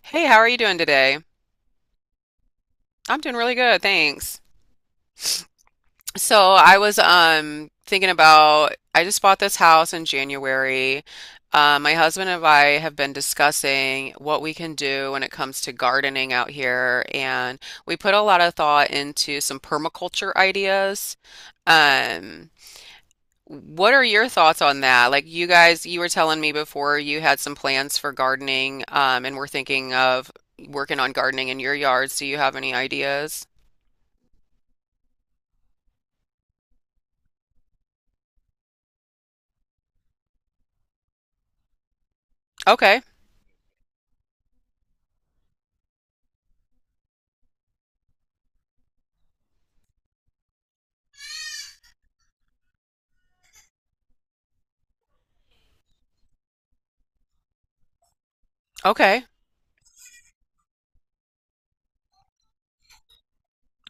Hey, how are you doing today? I'm doing really good, thanks. So I was thinking about I just bought this house in January. My husband and I have been discussing what we can do when it comes to gardening out here, and we put a lot of thought into some permaculture ideas. Um, what are your thoughts on that? Like you guys, you were telling me before you had some plans for gardening, and we're thinking of working on gardening in your yards. Do you have any ideas? Okay. Okay.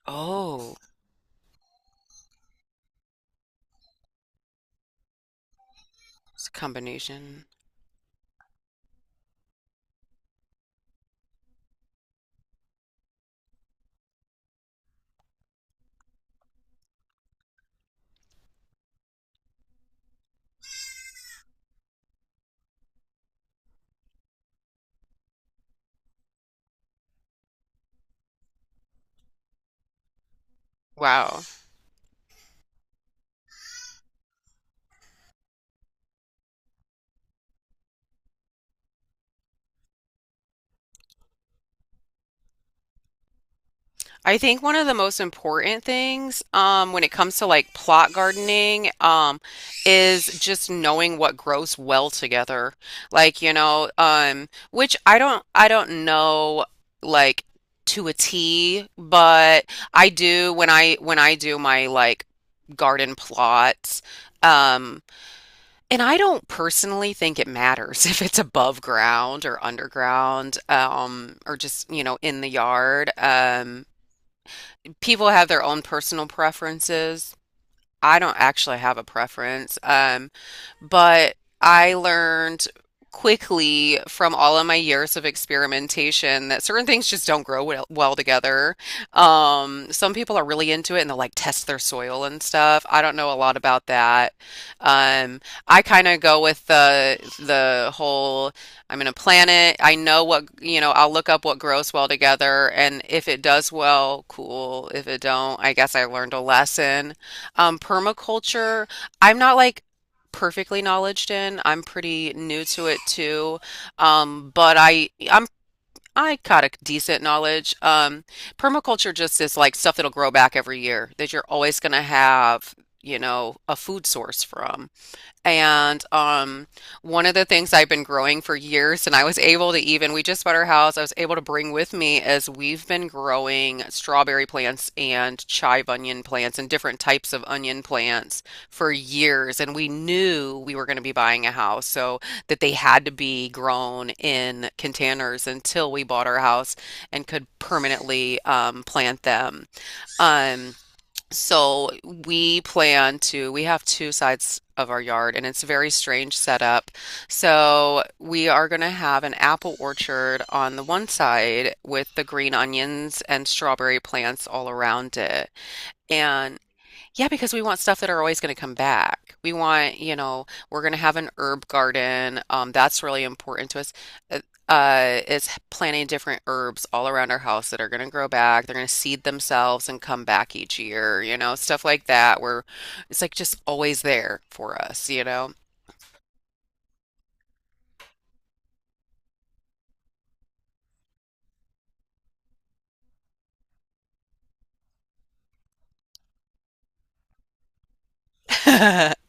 Oh, it's a combination. Wow. I think one of the most important things when it comes to like plot gardening, is just knowing what grows well together. Like, you know, which I don't know like to a T, but I do when I do my like garden plots. Um, And I don't personally think it matters if it's above ground or underground, or just, you know, in the yard. People have their own personal preferences. I don't actually have a preference, but I learned quickly from all of my years of experimentation that certain things just don't grow well together. Some people are really into it and they'll like test their soil and stuff. I don't know a lot about that. Um, I kind of go with the whole I'm gonna plant it. I know what, you know, I'll look up what grows well together and if it does well, cool. If it don't, I guess I learned a lesson. Permaculture, I'm not like perfectly knowledged in. I'm pretty new to it too. But I got a decent knowledge. Permaculture just is like stuff that'll grow back every year that you're always gonna have, you know, a food source from. And One of the things I've been growing for years, and I was able to even, we just bought our house, I was able to bring with me is we've been growing strawberry plants and chive onion plants and different types of onion plants for years. And we knew we were going to be buying a house, so that they had to be grown in containers until we bought our house and could permanently plant them. Um, so we plan to, we have two sides of our yard and it's a very strange setup. So we are going to have an apple orchard on the one side with the green onions and strawberry plants all around it. And yeah, because we want stuff that are always going to come back. We want, you know, we're going to have an herb garden. That's really important to us. Uh, is planting different herbs all around our house that are going to grow back. They're going to seed themselves and come back each year, you know, stuff like that, where it's like just always there for us, you know.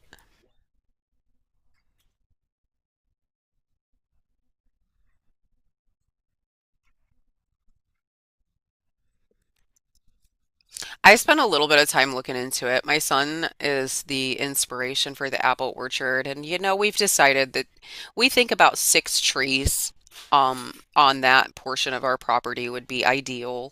I spent a little bit of time looking into it. My son is the inspiration for the apple orchard, and you know, we've decided that we think about six trees on that portion of our property would be ideal.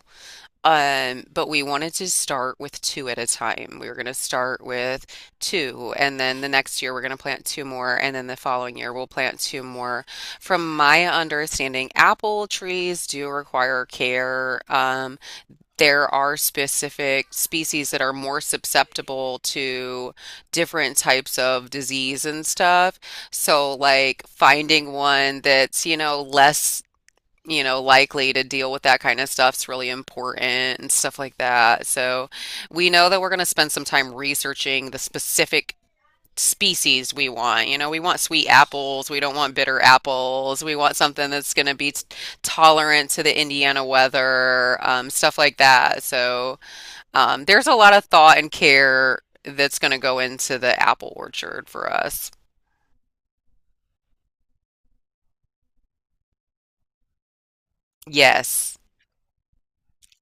But we wanted to start with two at a time. We were going to start with two, and then the next year we're going to plant two more, and then the following year we'll plant two more. From my understanding, apple trees do require care. There are specific species that are more susceptible to different types of disease and stuff. So, like finding one that's, you know, less, you know, likely to deal with that kind of stuff's really important and stuff like that. So, we know that we're going to spend some time researching the specific species we want. You know, we want sweet apples. We don't want bitter apples. We want something that's going to be tolerant to the Indiana weather, stuff like that. So, there's a lot of thought and care that's going to go into the apple orchard for us. Yes.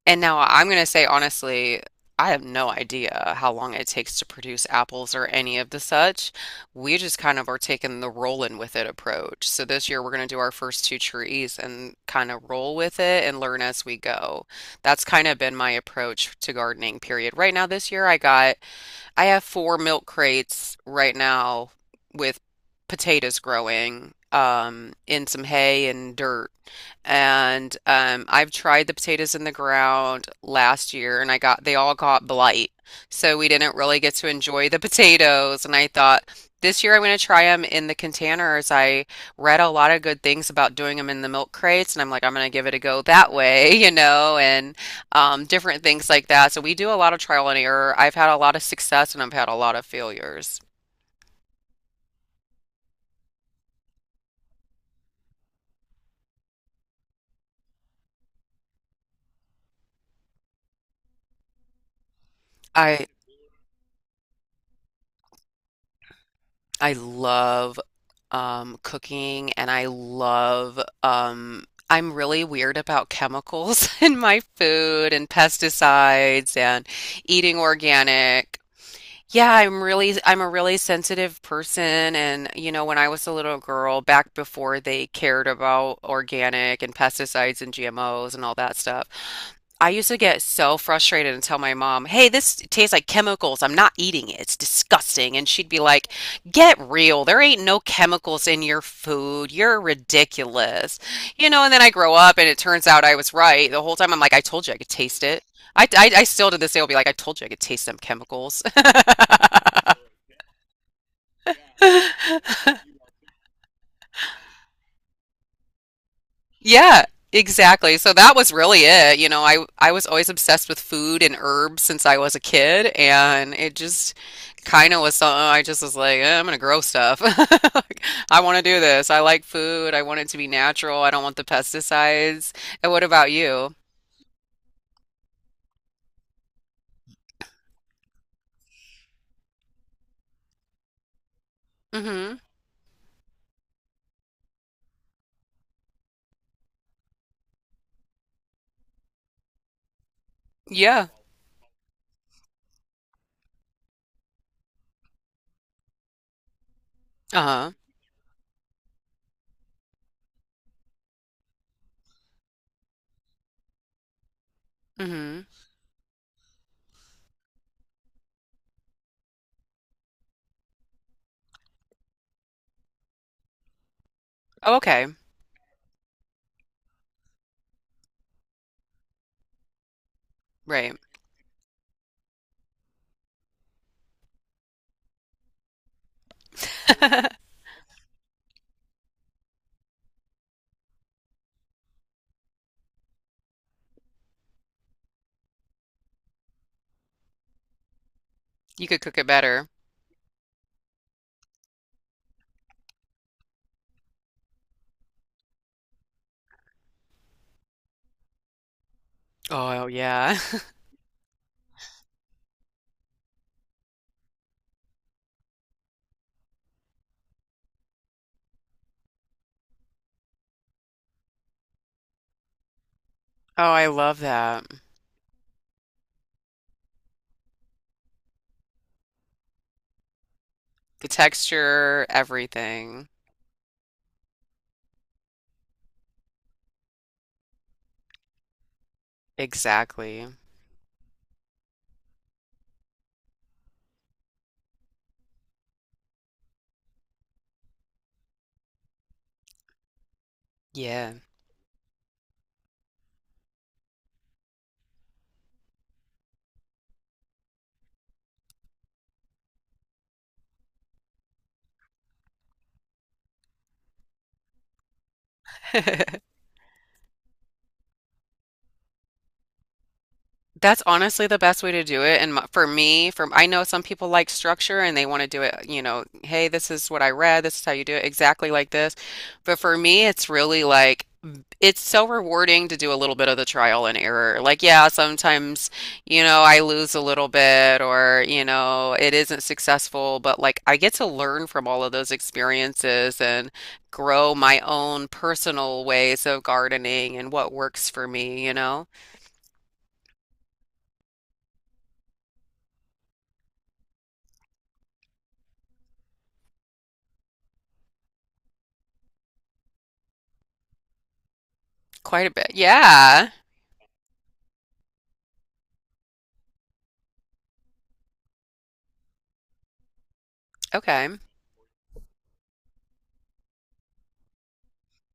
And now I'm going to say honestly, I have no idea how long it takes to produce apples or any of the such. We just kind of are taking the rolling with it approach. So this year we're going to do our first two trees and kind of roll with it and learn as we go. That's kind of been my approach to gardening, period. Right now this year I have four milk crates right now with potatoes growing in some hay and dirt. And I've tried the potatoes in the ground last year and I got they all got blight. So we didn't really get to enjoy the potatoes. And I thought this year I'm going to try them in the containers. I read a lot of good things about doing them in the milk crates and I'm like, I'm going to give it a go that way, you know, and different things like that. So we do a lot of trial and error. I've had a lot of success and I've had a lot of failures. I I love cooking and I love. I'm really weird about chemicals in my food and pesticides and eating organic. Yeah, I'm a really sensitive person and you know when I was a little girl back before they cared about organic and pesticides and GMOs and all that stuff, I used to get so frustrated and tell my mom, "Hey, this tastes like chemicals. I'm not eating it. It's disgusting." And she'd be like, "Get real. There ain't no chemicals in your food. You're ridiculous." You know, and then I grow up and it turns out I was right. The whole time I'm like, "I told you I could taste it." I still to this day will be like, I told you I could taste them chemicals. Yeah, exactly. So that was really it. You know, I was always obsessed with food and herbs since I was a kid, and it just kind of was something I just was like, eh, I'm gonna grow stuff. Like, I want to do this. I like food. I want it to be natural. I don't want the pesticides. And what about you? Mm-hmm. Yeah. Uh-huh. Mm-hmm. Oh, okay. Right. You could cook it better. Oh, yeah. Oh, I love that. The texture, everything. Exactly. Yeah. That's honestly the best way to do it. And for me, from I know some people like structure and they want to do it, you know, hey, this is what I read, this is how you do it, exactly like this. But for me, it's really like it's so rewarding to do a little bit of the trial and error. Like, yeah, sometimes, you know, I lose a little bit or, you know, it isn't successful, but like I get to learn from all of those experiences and grow my own personal ways of gardening and what works for me, you know? Quite a bit. Yeah. Okay.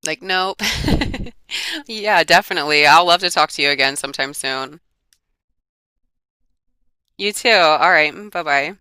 Like, nope. Yeah, definitely. I'll love to talk to you again sometime soon. You too. All right. Bye bye.